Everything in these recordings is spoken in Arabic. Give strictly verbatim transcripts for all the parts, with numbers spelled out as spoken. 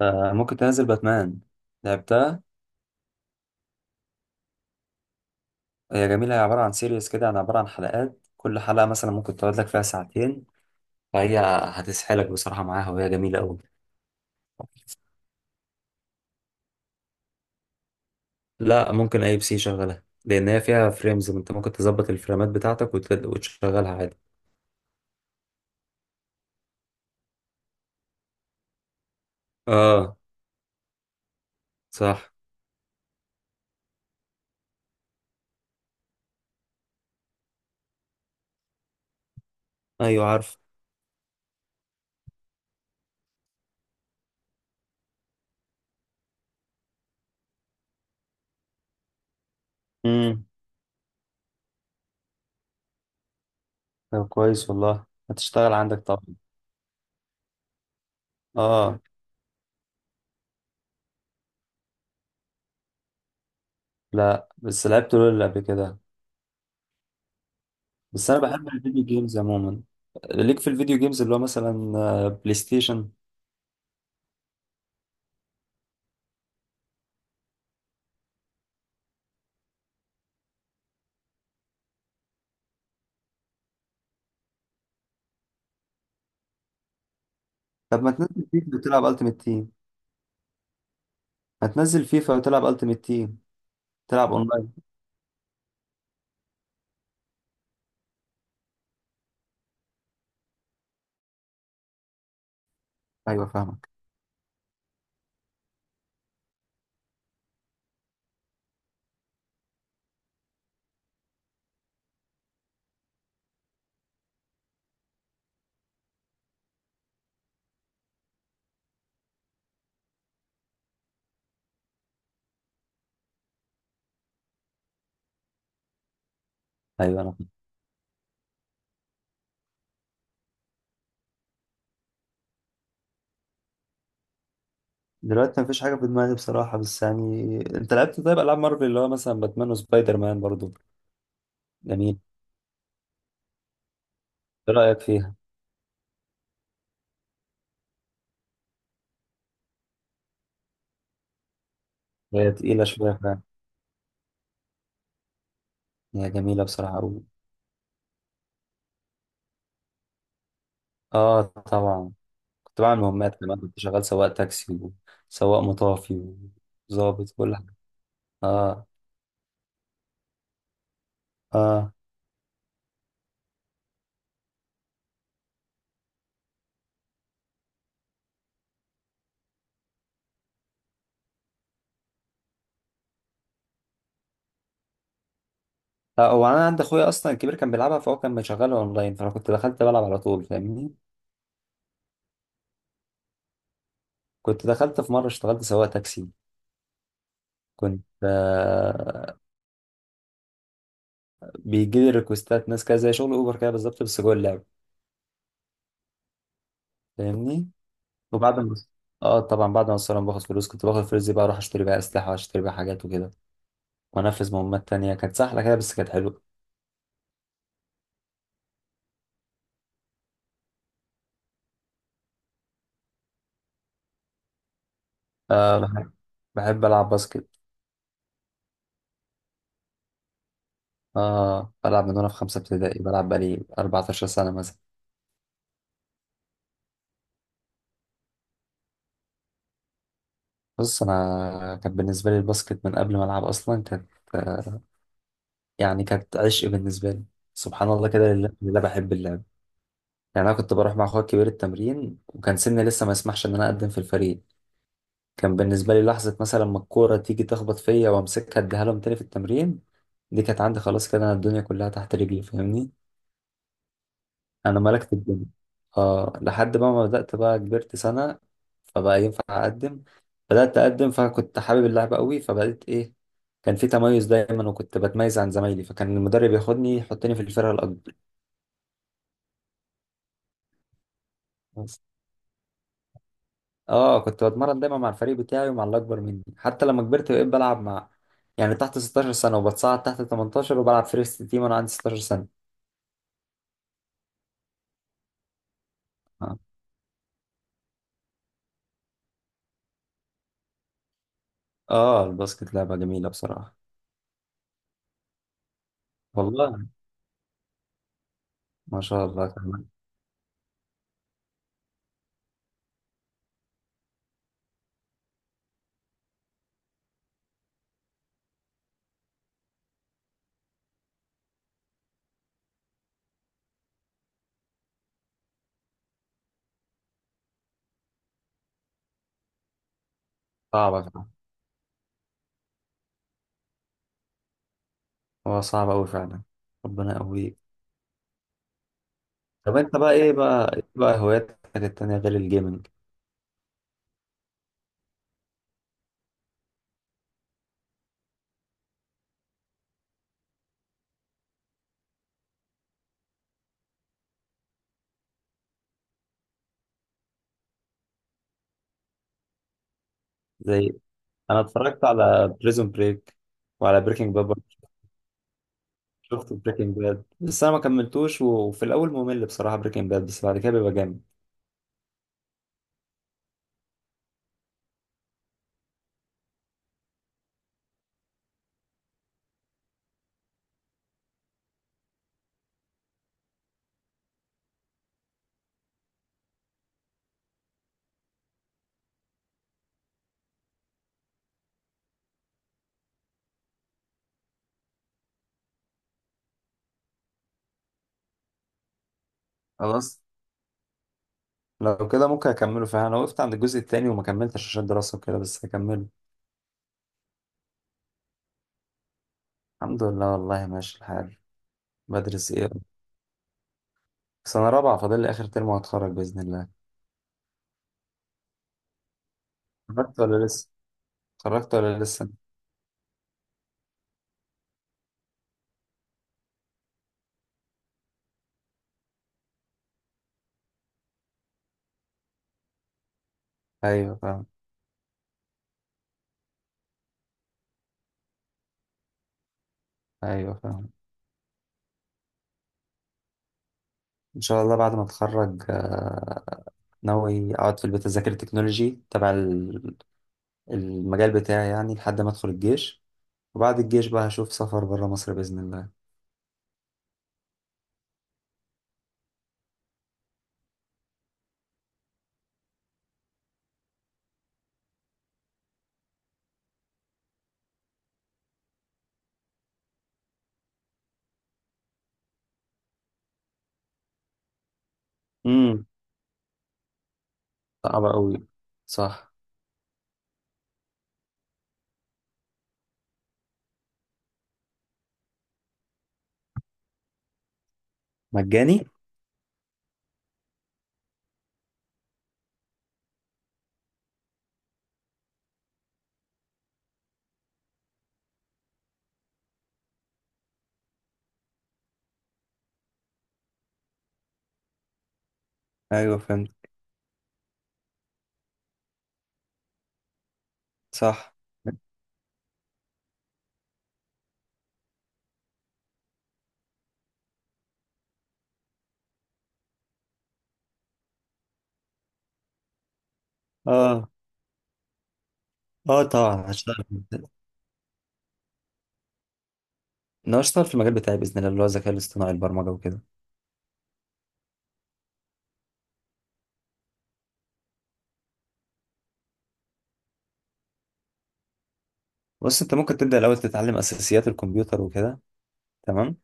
آه، ممكن تنزل باتمان. لعبتها. هي جميلة، هي عبارة عن سيريز كده، يعني عبارة عن حلقات، كل حلقة مثلا ممكن تقعد لك فيها ساعتين، فهي هتسحلك بصراحة معاها، وهي جميلة أوي. لا، ممكن أي بي سي شغلها، لأن هي فيها فريمز، أنت ممكن تظبط الفريمات بتاعتك وت- وتشغلها عادي. اه. صح. أيوه عارف. امم. طب كويس والله، هتشتغل عندك طبعا. اه، لا، بس لعبت لول قبل كده. بس أنا بحب الفيديو جيمز عموما، ليك في الفيديو جيمز اللي هو مثلا آه، بلاي ستيشن. طب ما تنزل فيفا وتلعب التيمت تيم؟ ما تنزل فيفا وتلعب التيمت تيم. تلعب اونلاين؟ ايوه فاهمك. ايوه انا فاهم. دلوقتي مفيش حاجه في دماغي بصراحه، بس يعني انت لعبت طيب العاب مارفل اللي هو مثلا باتمان وسبايدر مان برضو؟ جميل. ايه رايك فيها؟ هي تقيله شويه فعلا. هي جميله بصراحه قوي. اه طبعا. كنت بعمل مهمات كمان، كنت شغال سواق تاكسي وسواق مطافي وظابط كل حاجه. اه. اه. لا، هو انا عند اخويا اصلا الكبير كان بيلعبها، فهو كان مشغلها اونلاين، فانا كنت دخلت بلعب على طول فاهمني. كنت دخلت في مرة اشتغلت سواق تاكسي. كنت آه بيجي لي ريكوستات ناس كده زي شغل اوبر كده بالظبط، بس جوه اللعبة. فاهمني. وبعد ما اه طبعا، بعد ما الصراحة باخد فلوس كنت باخد الفلوس دي بقى اروح اشتري بقى اسلحة واشتري بقى حاجات وكده، وانفذ مهمات تانية كانت سهلة كده بس كانت حلوة. آه بحب, بحب العب باسكت. اه، بلعب من وانا في خمسة ابتدائي، بلعب بقالي 14 سنة مثلا. بص، انا كان بالنسبة لي الباسكت من قبل ما العب اصلا كانت آه يعني كانت عشق بالنسبة لي. سبحان الله كده، لله لله بحب اللعب. يعني انا كنت بروح مع اخويا الكبير التمرين، وكان سني لسه ما يسمحش ان انا اقدم في الفريق. كان بالنسبه لي لحظه مثلا ما الكوره تيجي تخبط فيا وامسكها اديها لهم تاني في التمرين، دي كانت عندي خلاص كده، انا الدنيا كلها تحت رجلي فاهمني. انا ملكت الدنيا. اه، لحد بقى ما بدات بقى كبرت سنه، فبقى ينفع اقدم. بدات اقدم فكنت حابب اللعبه قوي فبقيت ايه، كان في تميز دايما وكنت بتميز عن زمايلي، فكان المدرب ياخدني يحطني في الفرقه الاكبر. اه، كنت بتمرن دايما مع الفريق بتاعي ومع اللي اكبر مني، حتى لما كبرت بقيت بلعب مع يعني تحت 16 سنة، وبتصعد تحت تمنتاشر وبلعب فيرست تيم وانا عندي 16 سنة. اه. آه، الباسكت لعبة جميلة بصراحة. والله. ما شاء الله كمان. صعبة فعلا. هو صعب أوي فعلا. ربنا يقويك. طب انت بقى، ايه بقى ايه بقى هواياتك التانية غير الجيمنج؟ زي انا اتفرجت على بريزون بريك، وعلى بريكنج باد. شفت بريكنج باد، بس انا ما كملتوش، وفي الاول ممل بصراحة بريكنج باد، بس بعد كده بيبقى جامد. خلاص. لو كده ممكن اكمله فعلا، انا وقفت عند الجزء التاني وما كملتش عشان دراسة وكده، بس هكمله. الحمد لله والله ماشي الحال. بدرس ايه؟ سنة رابعة فاضل لي اخر ترم وهتخرج بإذن الله. اتخرجت ولا لسه؟ اتخرجت ولا لسه؟ ايوه فاهم. ايوه فاهم. ان شاء الله بعد ما اتخرج آه، ناوي اقعد في البيت اذاكر التكنولوجي تبع ال- المجال بتاعي يعني لحد ما ادخل الجيش، وبعد الجيش بقى هشوف سفر بره مصر بإذن الله. امم. صعبة قوي. صح. مجاني؟ ايوه فهمت. صح. اه. اه طبعا هشتغل. انا هشتغل في المجال بتاعي باذن الله، اللي هو الذكاء الاصطناعي، البرمجه وكده. بص، انت ممكن تبدا الاول تتعلم اساسيات الكمبيوتر وكده. تمام.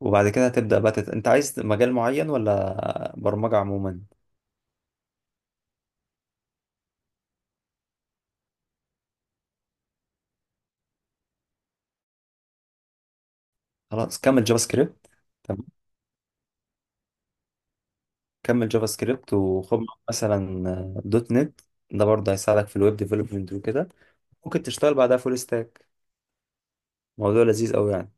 وبعد كده هتبدا بقى تت... انت عايز مجال معين ولا برمجه عموما؟ خلاص كمل جافا سكريبت. تمام. كمل جافا سكريبت وخد معاك مثلا دوت نت، ده برضه هيساعدك في الويب ديفلوبمنت وكده، ممكن تشتغل بعدها فول ستاك، موضوع لذيذ قوي يعني.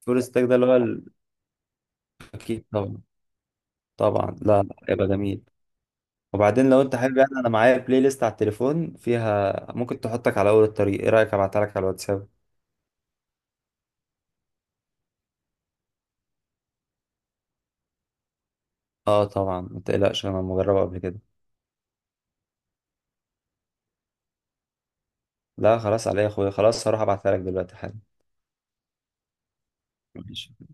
فول ستاك ده اللي هو ال- اكيد طبعا. طبعا، لا لا يبقى جميل. وبعدين لو انت حابب يعني انا معايا بلاي ليست على التليفون فيها ممكن تحطك على اول الطريق، ايه رايك ابعتها لك على الواتساب؟ اه طبعا ما تقلقش، انا مجربه قبل كده. لا خلاص، عليا يا اخويا، خلاص هروح ابعتها لك دلوقتي حالا. ماشي.